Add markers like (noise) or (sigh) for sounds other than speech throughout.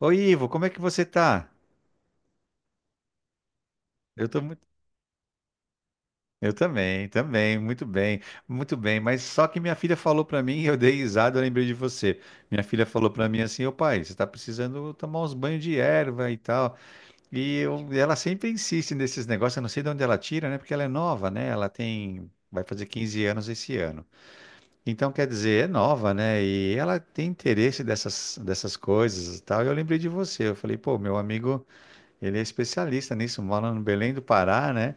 Oi, Ivo, como é que você tá? Eu tô muito... Eu também, também, muito bem, muito bem. Mas só que minha filha falou pra mim, (laughs) eu dei risada, eu lembrei de você. Minha filha falou pra mim assim, ô pai, você tá precisando tomar uns banhos de erva e tal. Ela sempre insiste nesses negócios, eu não sei de onde ela tira, né? Porque ela é nova, né? Ela tem, vai fazer 15 anos esse ano. Então, quer dizer, é nova, né? E ela tem interesse dessas coisas e tal. E eu lembrei de você, eu falei, pô, meu amigo, ele é especialista nisso, mora no Belém do Pará, né?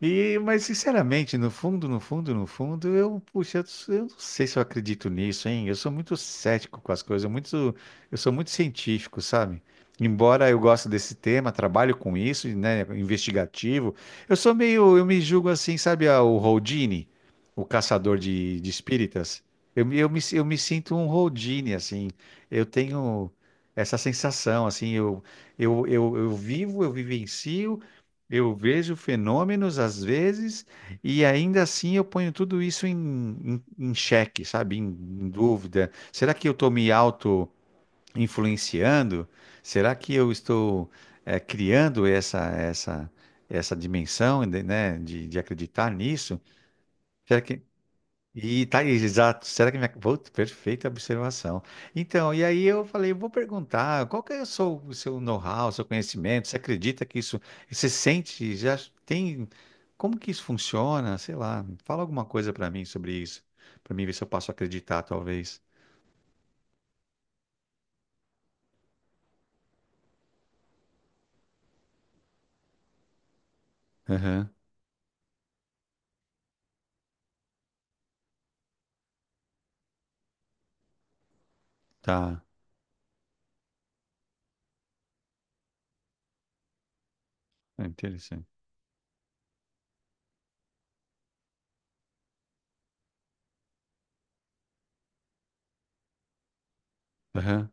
E, mas sinceramente, no fundo, puxa, eu não sei se eu acredito nisso, hein? Eu sou muito cético com as coisas, muito, eu sou muito científico, sabe? Embora eu goste desse tema, trabalho com isso, né, investigativo, eu sou meio, eu me julgo assim, sabe, ah, o Houdini, o caçador de espíritas. Eu me sinto um Houdini, assim. Eu tenho essa sensação, assim, eu vivo, eu vivencio, eu vejo fenômenos às vezes e ainda assim eu ponho tudo isso em xeque, sabe? Em dúvida. Será que eu estou me auto-influenciando? Será que eu estou criando essa dimensão, né, de acreditar nisso? Será que, e tá aí, exato. Será que minha. Pô, perfeita observação. Então, e aí eu falei, vou perguntar, qual que é o seu know-how, o seu conhecimento? Você acredita que isso. Você sente, já tem. Como que isso funciona? Sei lá, fala alguma coisa pra mim sobre isso. Pra mim ver se eu posso acreditar, talvez. Aham, tá. É interessante. Aham,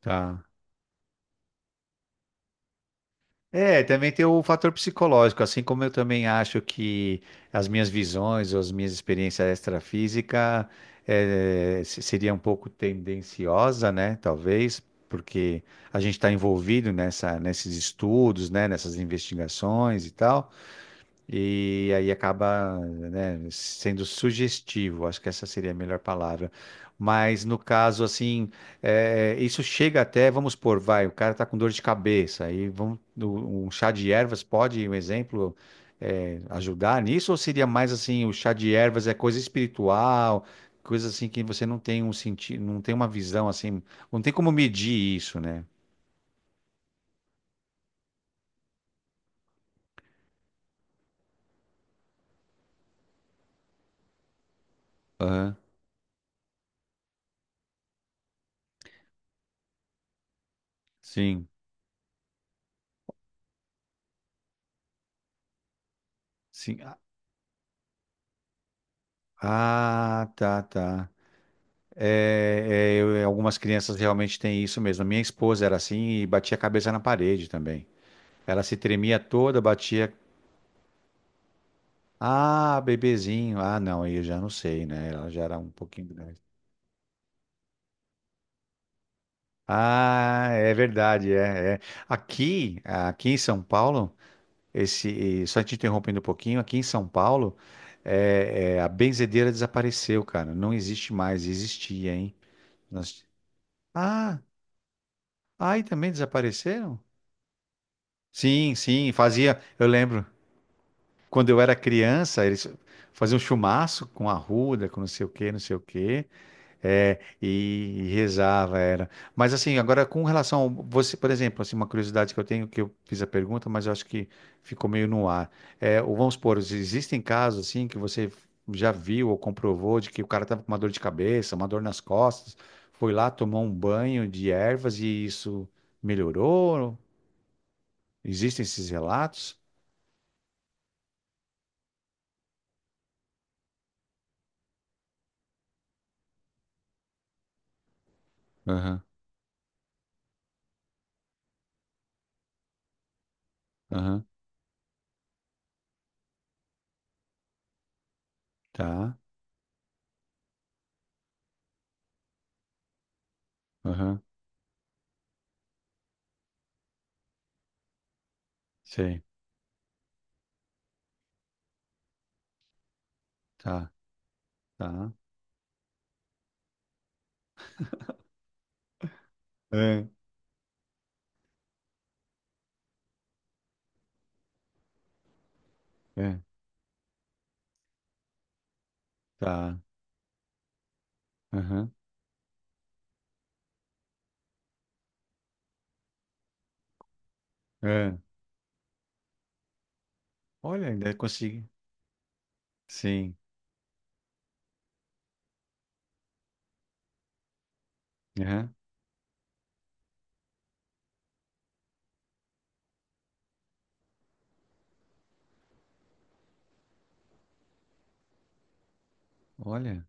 tá. É, também tem o fator psicológico, assim como eu também acho que as minhas visões ou as minhas experiências extrafísicas seria um pouco tendenciosa, né? Talvez, porque a gente está envolvido nesses estudos, né? Nessas investigações e tal. E aí acaba, né, sendo sugestivo, acho que essa seria a melhor palavra. Mas no caso, assim, é, isso chega até, vamos supor, vai, o cara está com dor de cabeça, aí vamos, um chá de ervas pode, um exemplo, é, ajudar nisso? Ou seria mais assim, o chá de ervas é coisa espiritual, coisa assim que você não tem um sentido, não tem uma visão assim, não tem como medir isso, né? Aham. Sim, sim. Ah, tá, tá. É, é, algumas crianças realmente têm isso mesmo. A minha esposa era assim e batia a cabeça na parede também. Ela se tremia toda, batia. Ah, bebezinho. Ah, não, aí eu já não sei, né? Ela já era um pouquinho grande. Ah, é verdade, é, é. Aqui em São Paulo, esse, e só te interrompendo um pouquinho, aqui em São Paulo, a benzedeira desapareceu, cara. Não existe mais, existia, hein? Nós- Ah, aí também desapareceram? Sim, sim, fazia. Eu lembro, quando eu era criança, eles faziam chumaço com arruda, com não sei o quê, não sei o quê, é, e rezava, era. Mas assim, agora com relação ao, você, por exemplo, assim, uma curiosidade que eu tenho, que eu fiz a pergunta, mas eu acho que ficou meio no ar. É, ou vamos supor, existem casos assim que você já viu ou comprovou de que o cara estava com uma dor de cabeça, uma dor nas costas, foi lá, tomou um banho de ervas e isso melhorou? Existem esses relatos? Aham. Aham, tá. Aham, sei, tá, tá, é, é, tá, aham, é. Olha, ainda consegui. Sim, aham. Olha,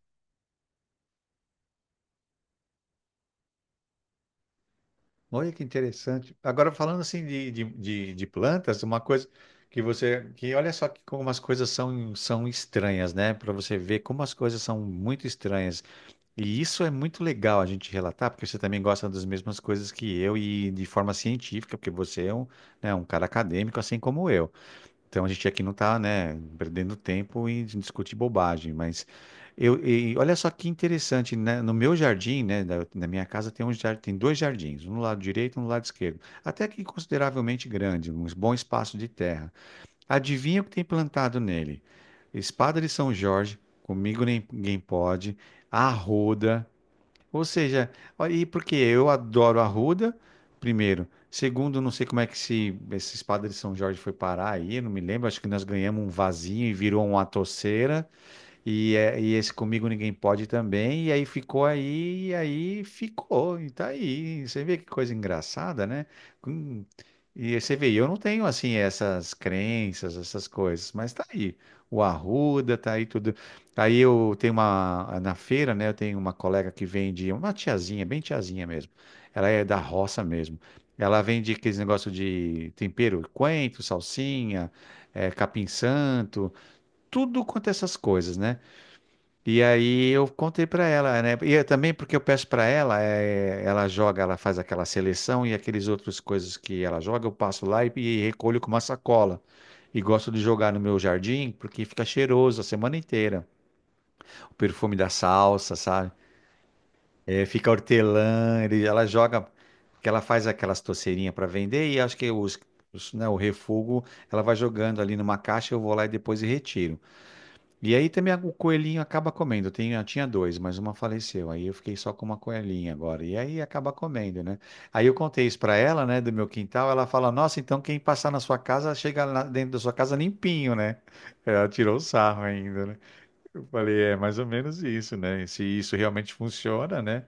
olha que interessante. Agora, falando assim de plantas, uma coisa que você, que olha só que como as coisas são, são estranhas, né? Para você ver como as coisas são muito estranhas. E isso é muito legal a gente relatar, porque você também gosta das mesmas coisas que eu e de forma científica, porque você é um, né, um cara acadêmico, assim como eu. Então a gente aqui não está, né, perdendo tempo em discutir bobagem, mas eu, e olha só que interessante, né? No meu jardim, né, na minha casa tem tem dois jardins, um no lado direito e um no lado esquerdo, até que consideravelmente grande, um bom espaço de terra. Adivinha o que tem plantado nele? Espada de São Jorge, comigo ninguém pode, arruda, ou seja, ó, e porque eu adoro a arruda, primeiro. Segundo, não sei como é que se esse espada de São Jorge foi parar aí, não me lembro. Acho que nós ganhamos um vazio e virou uma toceira. E esse Comigo Ninguém Pode também, e aí ficou, e tá aí. Você vê que coisa engraçada, né? Hum. E você vê, eu não tenho assim essas crenças, essas coisas, mas tá aí. O arruda, tá aí tudo. Aí eu tenho uma, na feira, né? Eu tenho uma colega que vende, uma tiazinha, bem tiazinha mesmo. Ela é da roça mesmo. Ela vende aqueles negócio de tempero, coentro, salsinha, capim-santo, tudo quanto é essas coisas, né? E aí eu contei pra ela, né? E eu também porque eu peço pra ela, ela joga, ela faz aquela seleção e aqueles outros coisas que ela joga, eu passo lá e recolho com uma sacola. E gosto de jogar no meu jardim porque fica cheiroso a semana inteira. O perfume da salsa, sabe? Fica hortelã, ela joga, que ela faz aquelas toceirinhas para vender e acho que né, o refúgio ela vai jogando ali numa caixa, eu vou lá e depois retiro. E aí também o coelhinho acaba comendo. Eu tinha dois, mas uma faleceu. Aí eu fiquei só com uma coelhinha agora. E aí acaba comendo, né? Aí eu contei isso pra ela, né, do meu quintal. Ela fala: Nossa, então quem passar na sua casa chega lá dentro da sua casa limpinho, né? É, ela tirou o sarro ainda, né? Eu falei: é mais ou menos isso, né? Se isso realmente funciona, né?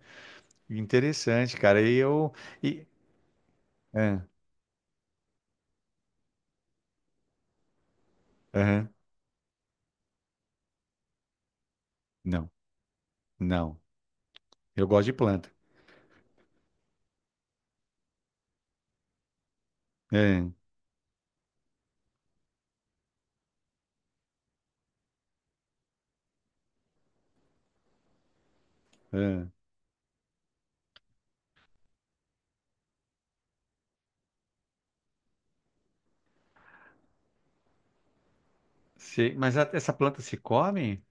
Interessante, cara. E eu. E... Ah, aham. Não, não. Eu gosto de planta. Ah, ah. Essa planta se come?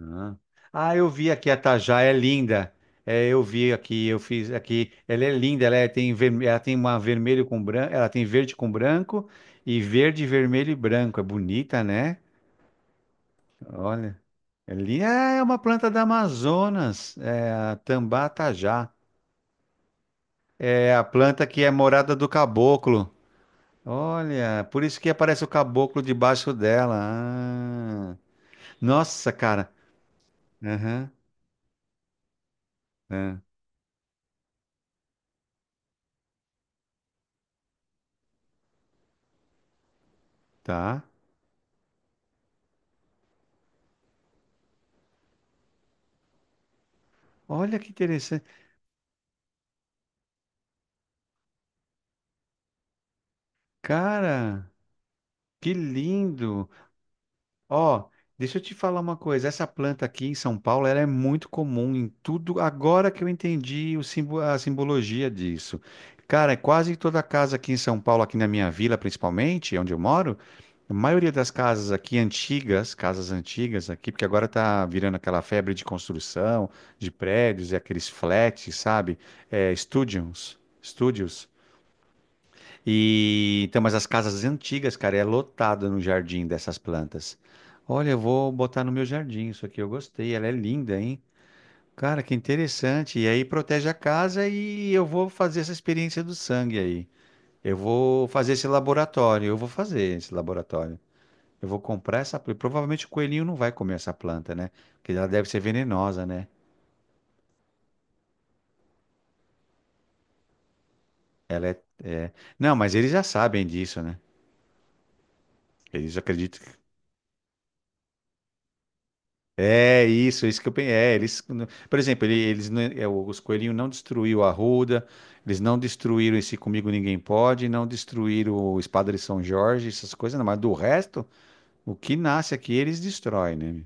Ah. Ah, eu vi aqui a Tajá, é linda. É, eu vi aqui, eu fiz aqui. Ela é linda, tem, ela tem uma vermelho com branco, ela tem verde com branco e verde, vermelho e branco. É bonita, né? Olha. Ah, é uma planta da Amazonas, é a Tambá Tajá. É a planta que é morada do caboclo. Olha, por isso que aparece o caboclo debaixo dela. Ah. Nossa, cara. Aham, é, tá. Olha que interessante. Cara, que lindo! Ó, deixa eu te falar uma coisa. Essa planta aqui em São Paulo, ela é muito comum em tudo. Agora que eu entendi o a simbologia disso. Cara, é quase toda casa aqui em São Paulo, aqui na minha vila principalmente, onde eu moro, a maioria das casas aqui antigas, casas antigas aqui, porque agora tá virando aquela febre de construção, de prédios e aqueles flats, sabe? É, studios, e então, mas as casas antigas, cara, é lotada no jardim dessas plantas. Olha, eu vou botar no meu jardim isso aqui, eu gostei, ela é linda, hein? Cara, que interessante. E aí protege a casa e eu vou fazer essa experiência do sangue aí. Eu vou fazer esse laboratório, eu vou fazer esse laboratório. Eu vou comprar essa planta. Provavelmente o coelhinho não vai comer essa planta, né? Porque ela deve ser venenosa, né? Ela é, é... Não, mas eles já sabem disso, né? Eles acreditam. É isso que eu pensei. É, eles, por exemplo, ele- eles, não- é, os coelhinhos não destruíram a arruda, eles não destruíram esse Comigo Ninguém Pode, não destruíram o Espada de São Jorge, essas coisas, não, mas do resto, o que nasce aqui eles destroem, né? meu?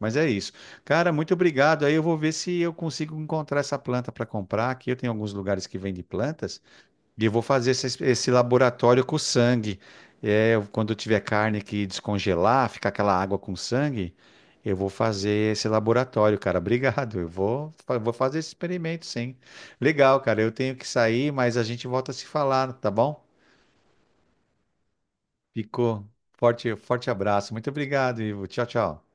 Mas é isso. Cara, muito obrigado. Aí eu vou ver se eu consigo encontrar essa planta para comprar. Aqui eu tenho alguns lugares que vendem plantas. E eu vou fazer esse laboratório com o sangue. Quando eu tiver carne que descongelar, ficar aquela água com sangue, eu vou fazer esse laboratório, cara. Obrigado. Eu vou, vou fazer esse experimento, sim. Legal, cara. Eu tenho que sair, mas a gente volta a se falar, tá bom? Ficou. Forte, forte abraço. Muito obrigado, Ivo. Tchau, tchau.